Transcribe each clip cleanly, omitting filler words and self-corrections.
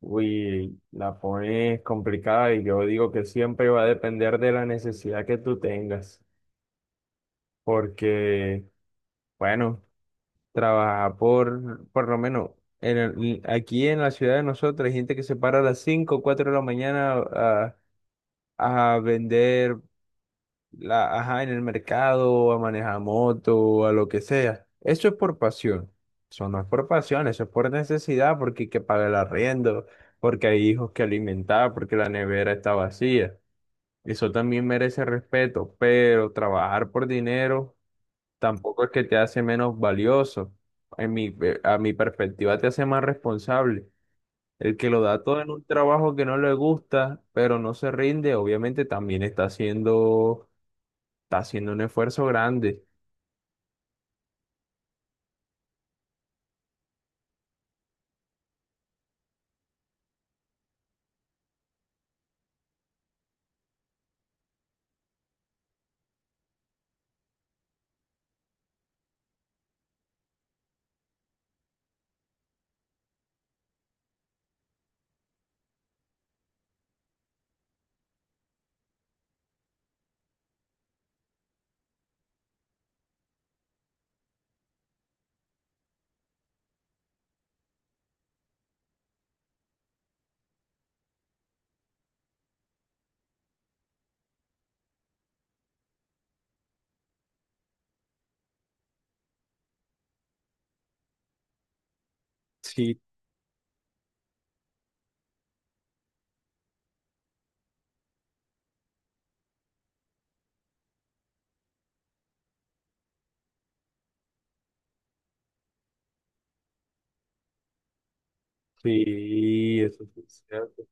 Uy, la pones complicada y yo digo que siempre va a depender de la necesidad que tú tengas, porque, bueno, trabajar por lo menos, aquí en la ciudad de nosotros hay gente que se para a las cinco o 4 de la mañana a vender la, ajá, en el mercado, a manejar moto, a lo que sea. Eso es por pasión. Eso no es por pasión, eso es por necesidad, porque hay que pagar el arriendo, porque hay hijos que alimentar, porque la nevera está vacía. Eso también merece respeto, pero trabajar por dinero tampoco es que te hace menos valioso. A mi perspectiva te hace más responsable. El que lo da todo en un trabajo que no le gusta, pero no se rinde, obviamente también está haciendo un esfuerzo grande. Sí, sí, eso sí es cierto.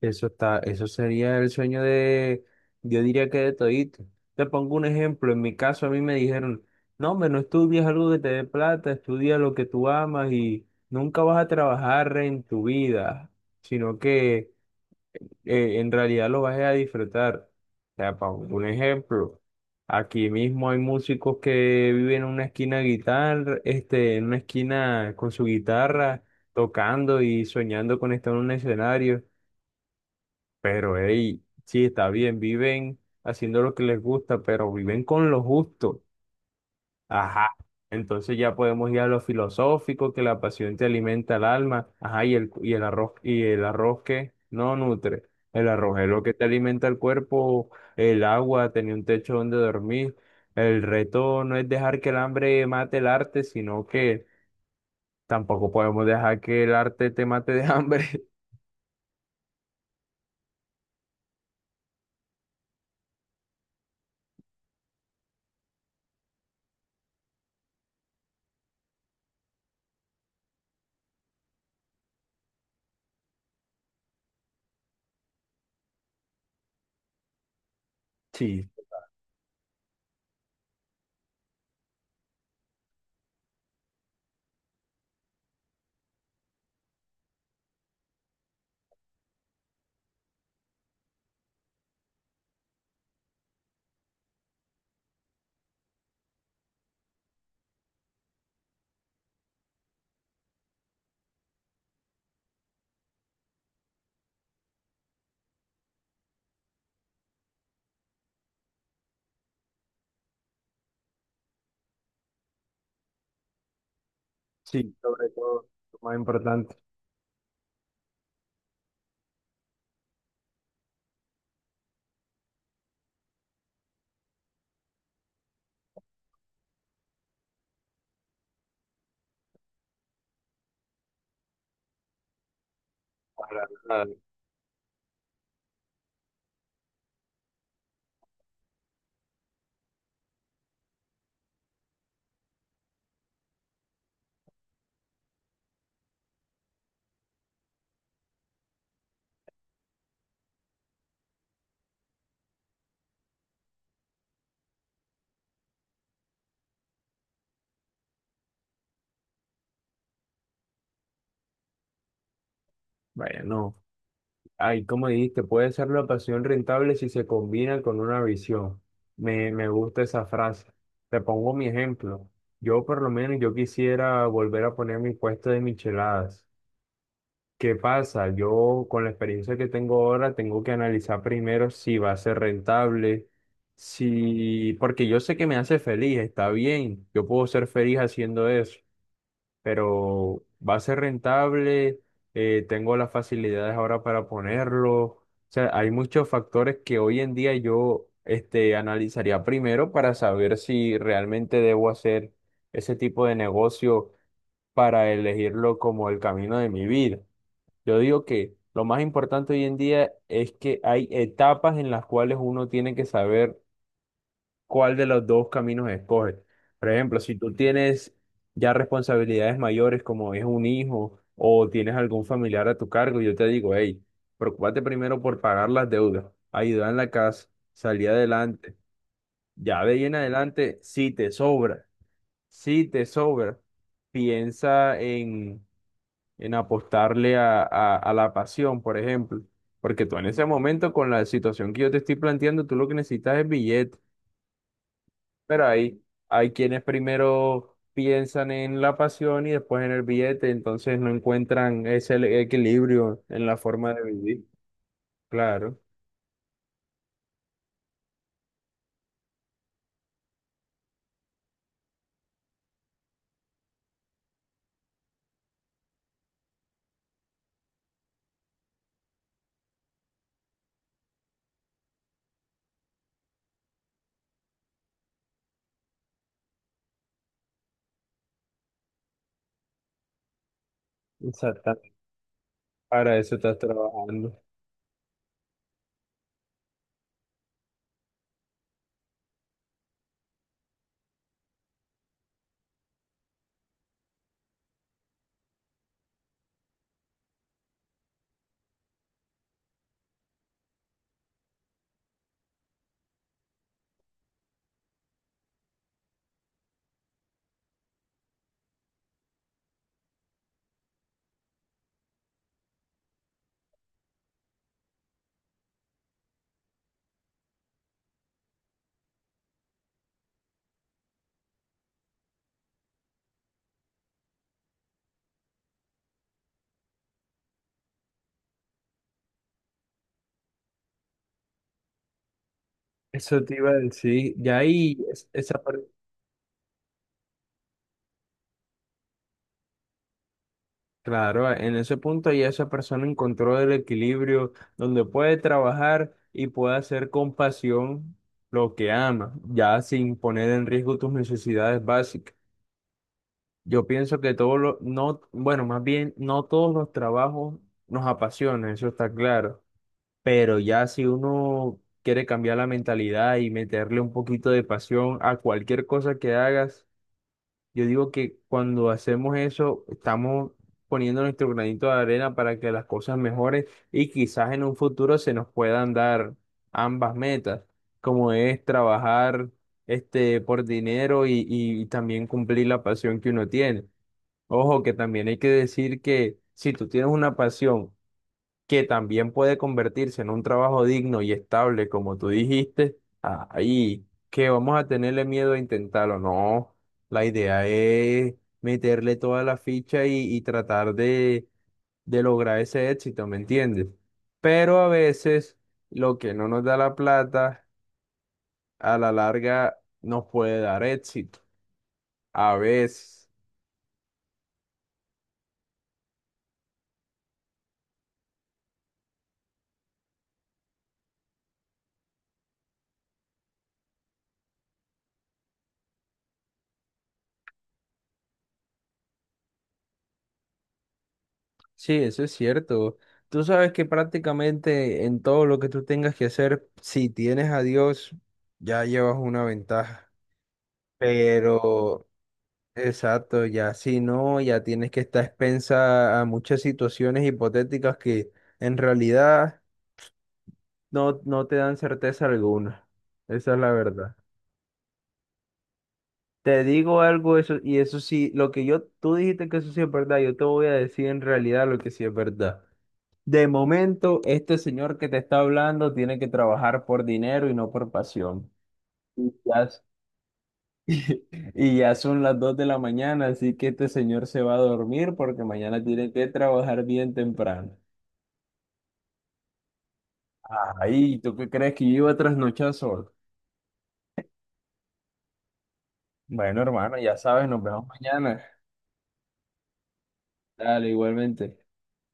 Eso está, eso sería el sueño de, yo diría que de todito. Te pongo un ejemplo, en mi caso a mí me dijeron, no, hombre, no estudies algo que te dé plata, estudia lo que tú amas y nunca vas a trabajar en tu vida, sino que en realidad lo vas a disfrutar. O sea, para un ejemplo, aquí mismo hay músicos que viven en una esquina con su guitarra, tocando y soñando con estar en un escenario. Pero hey, sí, está bien, viven haciendo lo que les gusta, pero viven con lo justo. Ajá. Entonces ya podemos ir a lo filosófico, que la pasión te alimenta el alma. Ajá, y el arroz que no nutre. El arroz es lo que te alimenta el cuerpo, el agua, tener un techo donde dormir. El reto no es dejar que el hambre mate el arte, sino que tampoco podemos dejar que el arte te mate de hambre. Sí, sí, sobre todo, lo más importante. Para nada. Bueno. Ay, como dijiste, puede ser la pasión rentable si se combina con una visión. Me gusta esa frase. Te pongo mi ejemplo. Yo por lo menos yo quisiera volver a poner mi puesto de micheladas. ¿Qué pasa? Yo con la experiencia que tengo ahora tengo que analizar primero si va a ser rentable, si porque yo sé que me hace feliz, está bien. Yo puedo ser feliz haciendo eso, pero va a ser rentable, tengo las facilidades ahora para ponerlo. O sea, hay muchos factores que hoy en día yo analizaría primero para saber si realmente debo hacer ese tipo de negocio para elegirlo como el camino de mi vida. Yo digo que lo más importante hoy en día es que hay etapas en las cuales uno tiene que saber cuál de los dos caminos escoges. Por ejemplo, si tú tienes ya responsabilidades mayores como es un hijo o tienes algún familiar a tu cargo, yo te digo, hey, preocúpate primero por pagar las deudas, ayudar en la casa, salir adelante. Ya de ahí en adelante, si te sobra, si te sobra, piensa en, apostarle a la pasión, por ejemplo. Porque tú en ese momento, con la situación que yo te estoy planteando, tú lo que necesitas es billete. Pero hay quienes primero piensan en la pasión y después en el billete, entonces no encuentran ese equilibrio en la forma de vivir. Claro, exactamente. Para eso estás trabajando. Eso te iba a decir. Ya ahí, es- esa, per- Claro, en ese punto ya esa persona encontró el equilibrio donde puede trabajar y puede hacer con pasión lo que ama, ya sin poner en riesgo tus necesidades básicas. Yo pienso que no, bueno, más bien, no todos los trabajos nos apasionan, eso está claro. Pero ya si uno quiere cambiar la mentalidad y meterle un poquito de pasión a cualquier cosa que hagas, yo digo que cuando hacemos eso, estamos poniendo nuestro granito de arena para que las cosas mejoren y quizás en un futuro se nos puedan dar ambas metas, como es trabajar este por dinero y también cumplir la pasión que uno tiene. Ojo, que también hay que decir que si tú tienes una pasión que también puede convertirse en un trabajo digno y estable, como tú dijiste, ahí que vamos a tenerle miedo a intentarlo. No, la idea es meterle toda la ficha y tratar de lograr ese éxito, ¿me entiendes? Pero a veces lo que no nos da la plata, a la larga nos puede dar éxito. A veces. Sí, eso es cierto. Tú sabes que prácticamente en todo lo que tú tengas que hacer, si tienes a Dios, ya llevas una ventaja. Pero, exacto, ya si no, ya tienes que estar expensa a muchas situaciones hipotéticas que en realidad no te dan certeza alguna. Esa es la verdad. Te digo algo, eso, y eso sí, lo que yo, tú dijiste que eso sí es verdad, yo te voy a decir en realidad lo que sí es verdad. De momento, este señor que te está hablando tiene que trabajar por dinero y no por pasión. Y ya, y ya son las 2 de la mañana, así que este señor se va a dormir porque mañana tiene que trabajar bien temprano. Ay, ¿tú qué crees que yo iba a trasnochar solo? Bueno, hermano, ya sabes, nos vemos mañana. Dale, igualmente.